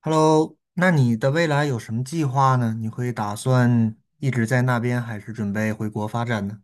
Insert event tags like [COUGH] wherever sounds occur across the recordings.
Hello，那你的未来有什么计划呢？你会打算一直在那边，还是准备回国发展呢？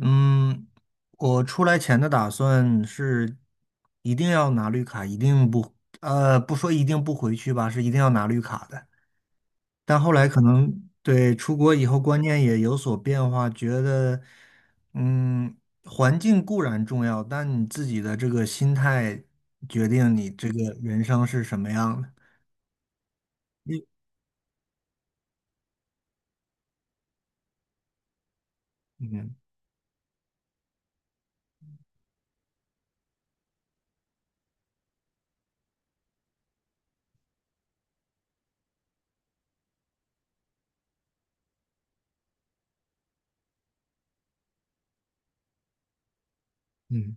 嗯，我出来前的打算是一定要拿绿卡，一定不，不说一定不回去吧，是一定要拿绿卡的。但后来可能对出国以后观念也有所变化，觉得，嗯，环境固然重要，但你自己的这个心态决定你这个人生是什么样的。嗯嗯。嗯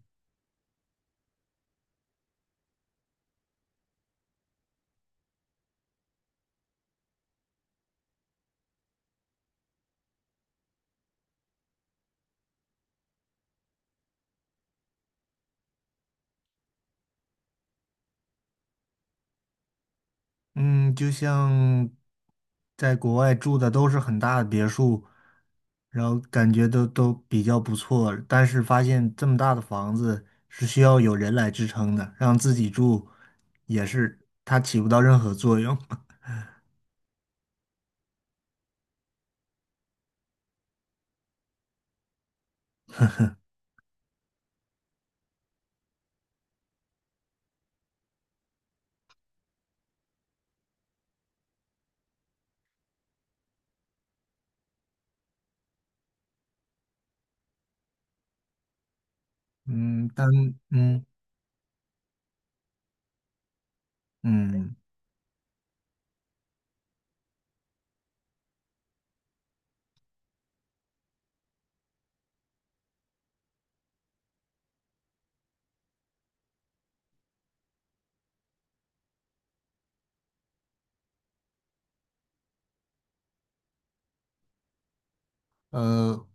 嗯，就像在国外住的都是很大的别墅，然后感觉都比较不错，但是发现这么大的房子是需要有人来支撑的，让自己住也是它起不到任何作用。[LAUGHS] 嗯，但嗯嗯，呃，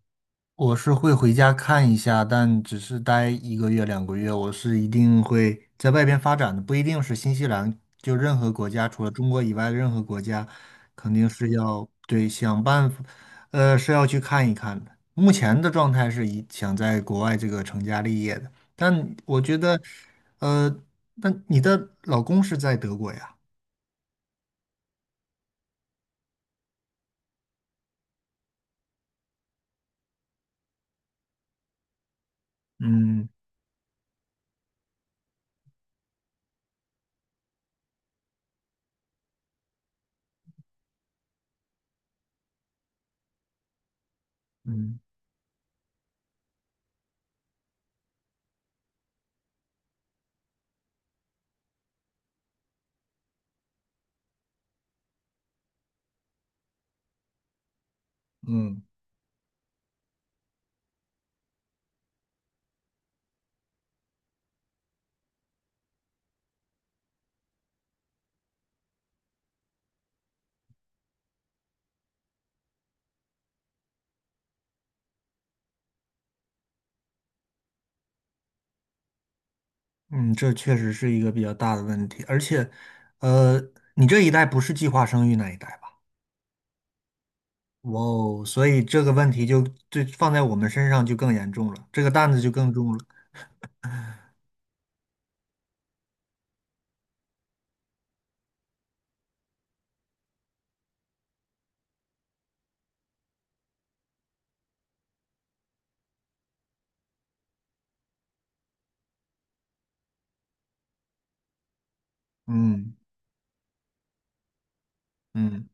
我是会回家看一下，但只是待1个月、2个月，我是一定会在外边发展的，不一定是新西兰，就任何国家，除了中国以外的任何国家，肯定是要对想办法，是要去看一看的。目前的状态是以想在国外这个成家立业的，但我觉得，呃，那你的老公是在德国呀？嗯嗯。嗯。嗯，这确实是一个比较大的问题，而且，呃，你这一代不是计划生育那一代吧？哇哦，所以这个问题就放在我们身上就更严重了，这个担子就更重了。嗯嗯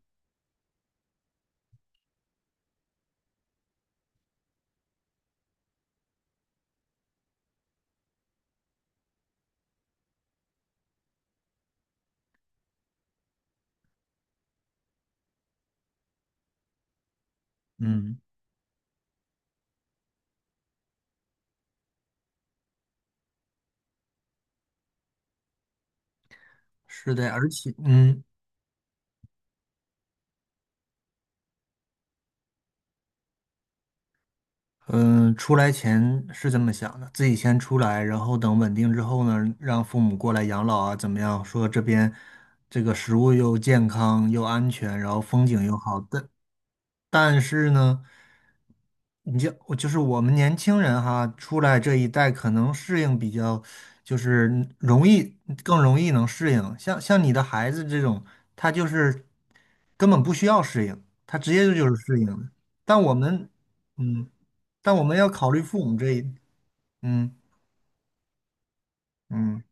嗯，是的，而且嗯，出来前是这么想的，自己先出来，然后等稳定之后呢，让父母过来养老啊，怎么样？说这边这个食物又健康又安全，然后风景又好，但是呢，我就是我们年轻人哈，出来这一代可能适应比较，就是容易更容易能适应。像你的孩子这种，他就是根本不需要适应，他直接就是适应的。但我们，嗯。但我们要考虑父母这一，嗯嗯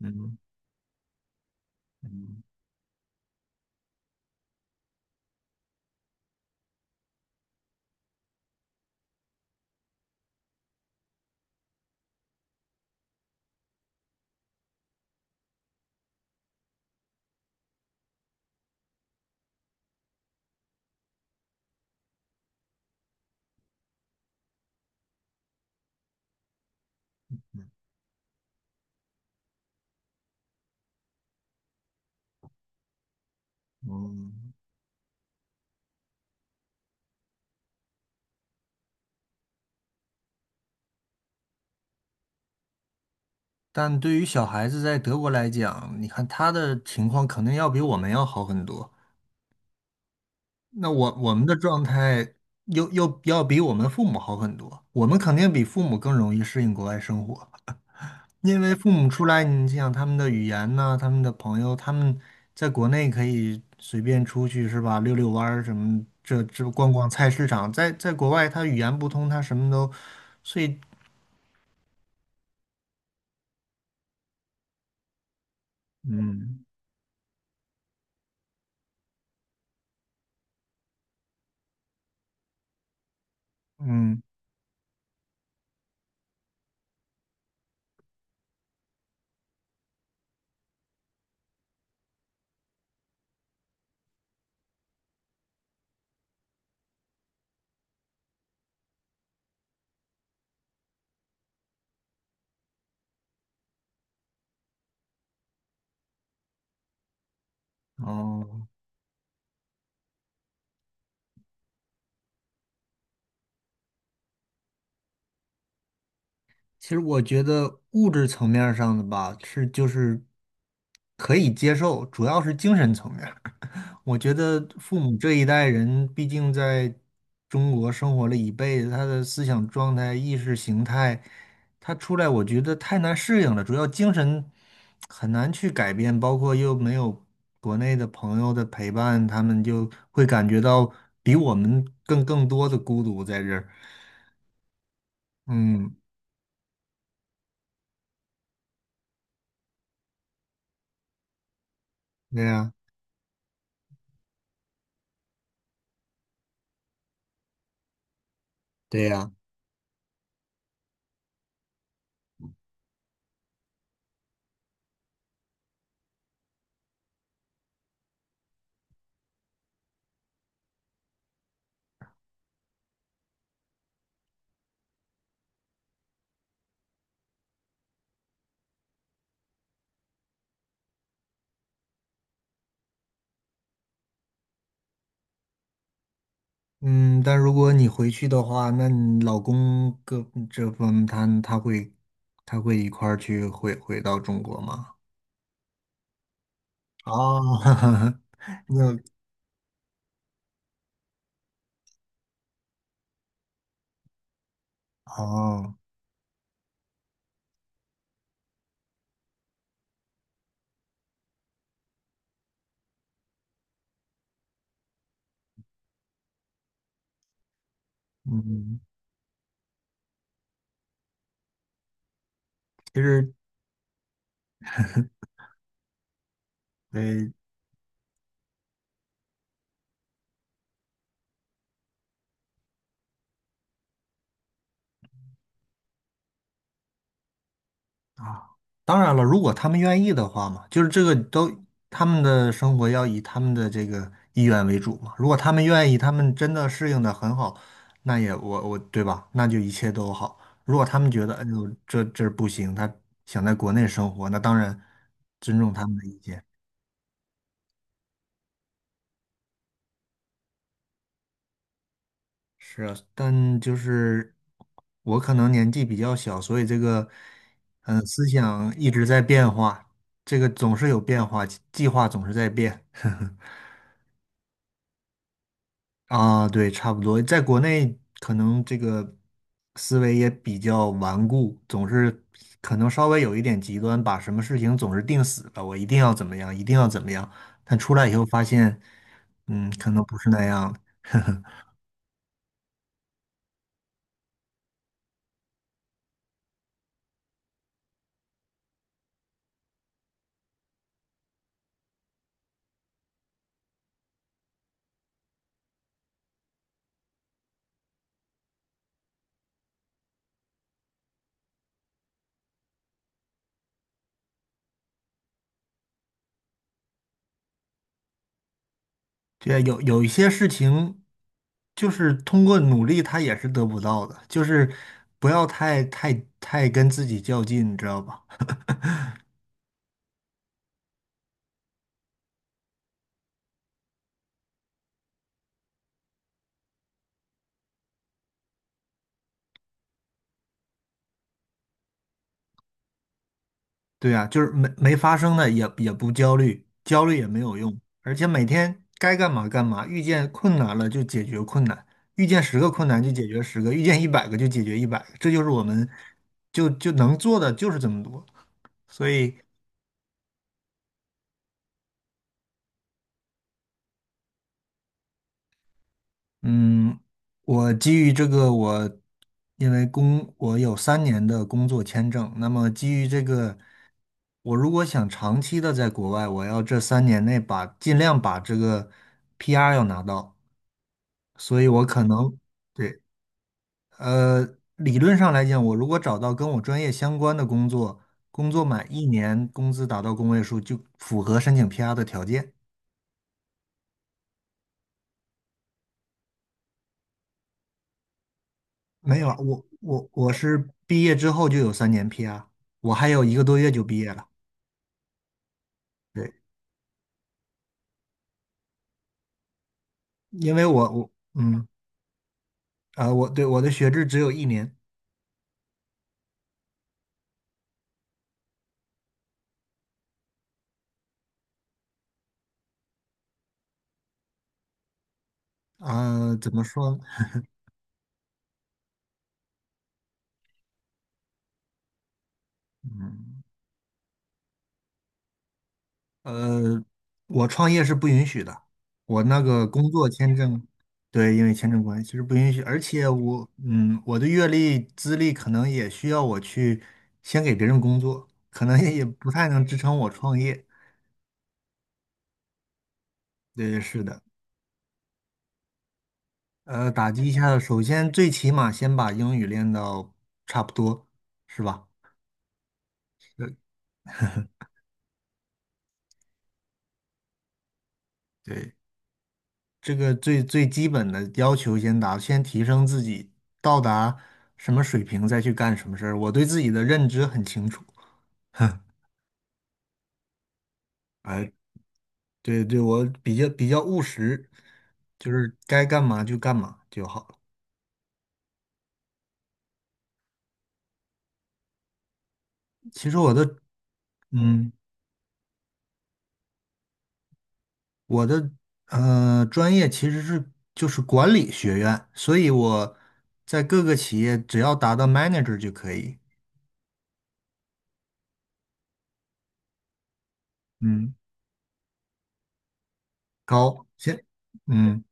嗯嗯。但对于小孩子在德国来讲，你看他的情况肯定要比我们要好很多。那我们的状态又要比我们父母好很多。我们肯定比父母更容易适应国外生活，因为父母出来，你想他们的语言呐、他们的朋友，他们在国内可以随便出去是吧？遛遛弯儿什么，这逛逛菜市场，在国外他语言不通，他什么都。所以嗯嗯哦，其实我觉得物质层面儿上的吧，是就是可以接受，主要是精神层面儿 [LAUGHS] 我觉得父母这一代人，毕竟在中国生活了一辈子，他的思想状态、意识形态，他出来我觉得太难适应了，主要精神很难去改变，包括又没有国内的朋友的陪伴，他们就会感觉到比我们更多的孤独在这儿。嗯，对呀，对呀，嗯，但如果你回去的话，那你老公个这方他会一块儿去回到中国吗？哦，[LAUGHS] 那哦，嗯，其实。[LAUGHS] 对，啊，当然了，如果他们愿意的话嘛，就是这个都他们的生活要以他们的这个意愿为主嘛。如果他们愿意，他们真的适应的很好，那也我对吧？那就一切都好。如果他们觉得哎呦这不行，他想在国内生活，那当然尊重他们的意见。是啊，但就是我可能年纪比较小，所以这个思想一直在变化，这个总是有变化，计划总是在变。[LAUGHS] 啊，对，差不多，在国内可能这个思维也比较顽固，总是可能稍微有一点极端，把什么事情总是定死了，我一定要怎么样，一定要怎么样。但出来以后发现，可能不是那样。对，有一些事情，就是通过努力，他也是得不到的，就是不要太跟自己较劲，你知道吧？对呀，就是没发生的也不焦虑，焦虑也没有用，而且每天该干嘛干嘛，遇见困难了就解决困难，遇见十个困难就解决十个，遇见一百个就解决一百个，这就是我们就能做的就是这么多。所以，嗯，我基于这个，我有三年的工作签证，那么基于这个，我如果想长期的在国外，我要这三年内把尽量把这个 PR 要拿到。所以我可能对，呃，理论上来讲，我如果找到跟我专业相关的工作，工作满一年，工资达到工位数，就符合申请 PR 的条件。没有啊，我是毕业之后就有三年 PR，我还有1个多月就毕业了。对，因为我我嗯啊、我对我的学制只有一年啊、怎么说？呃，我创业是不允许的，我那个工作签证，对，因为签证关系是不允许，而且我的阅历资历可能也需要我去先给别人工作，可能也不太能支撑我创业。对，是的，打击一下，首先最起码先把英语练到差不多，是吧？对，对这个最最基本的要求先达，先提升自己，到达什么水平再去干什么事儿。我对自己的认知很清楚，哎，对对，我比较比较务实，就是该干嘛就干嘛就好了。其实我的，嗯，我的专业其实是就是管理学院，所以我在各个企业只要达到 manager 就可以，嗯，高，先，嗯。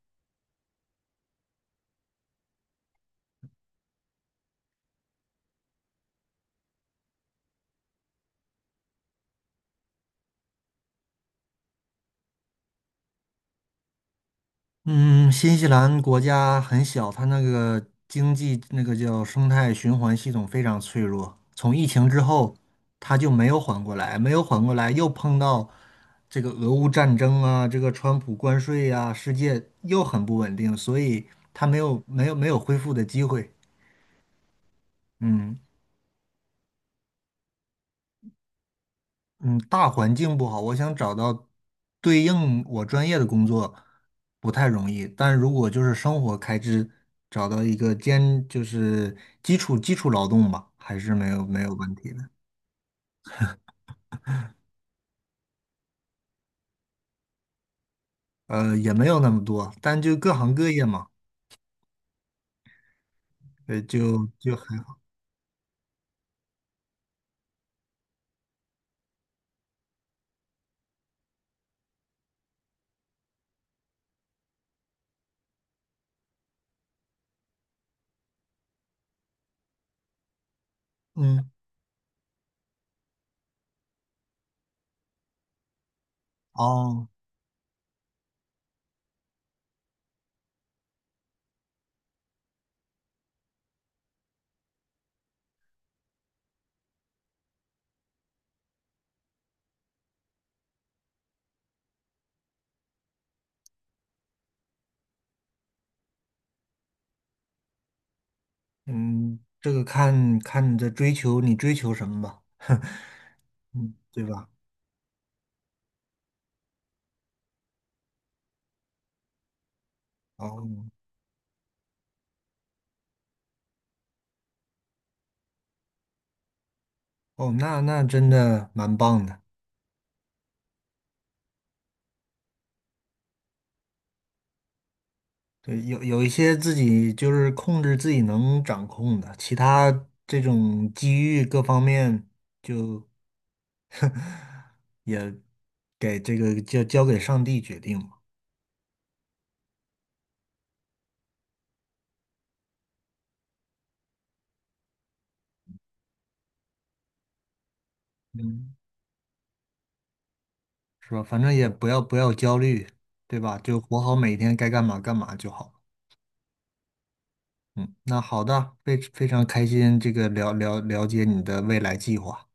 嗯，新西兰国家很小，它那个经济那个叫生态循环系统非常脆弱。从疫情之后，它就没有缓过来，没有缓过来，又碰到这个俄乌战争啊，这个川普关税呀、世界又很不稳定，所以它没有恢复的机会。嗯嗯，大环境不好，我想找到对应我专业的工作不太容易。但如果就是生活开支，找到一个就是基础劳动吧，还是没有问题的。也没有那么多，但就各行各业嘛，就还好。嗯，哦，嗯，这个看看你的追求，你追求什么吧，嗯，对吧？哦哦，那真的蛮棒的。对，有一些自己就是控制自己能掌控的，其他这种机遇各方面就给这个交给上帝决定嘛，嗯，是吧？反正也不要焦虑，对吧？就活好每一天，该干嘛干嘛就好。嗯，那好的，非常开心，这个了解你的未来计划。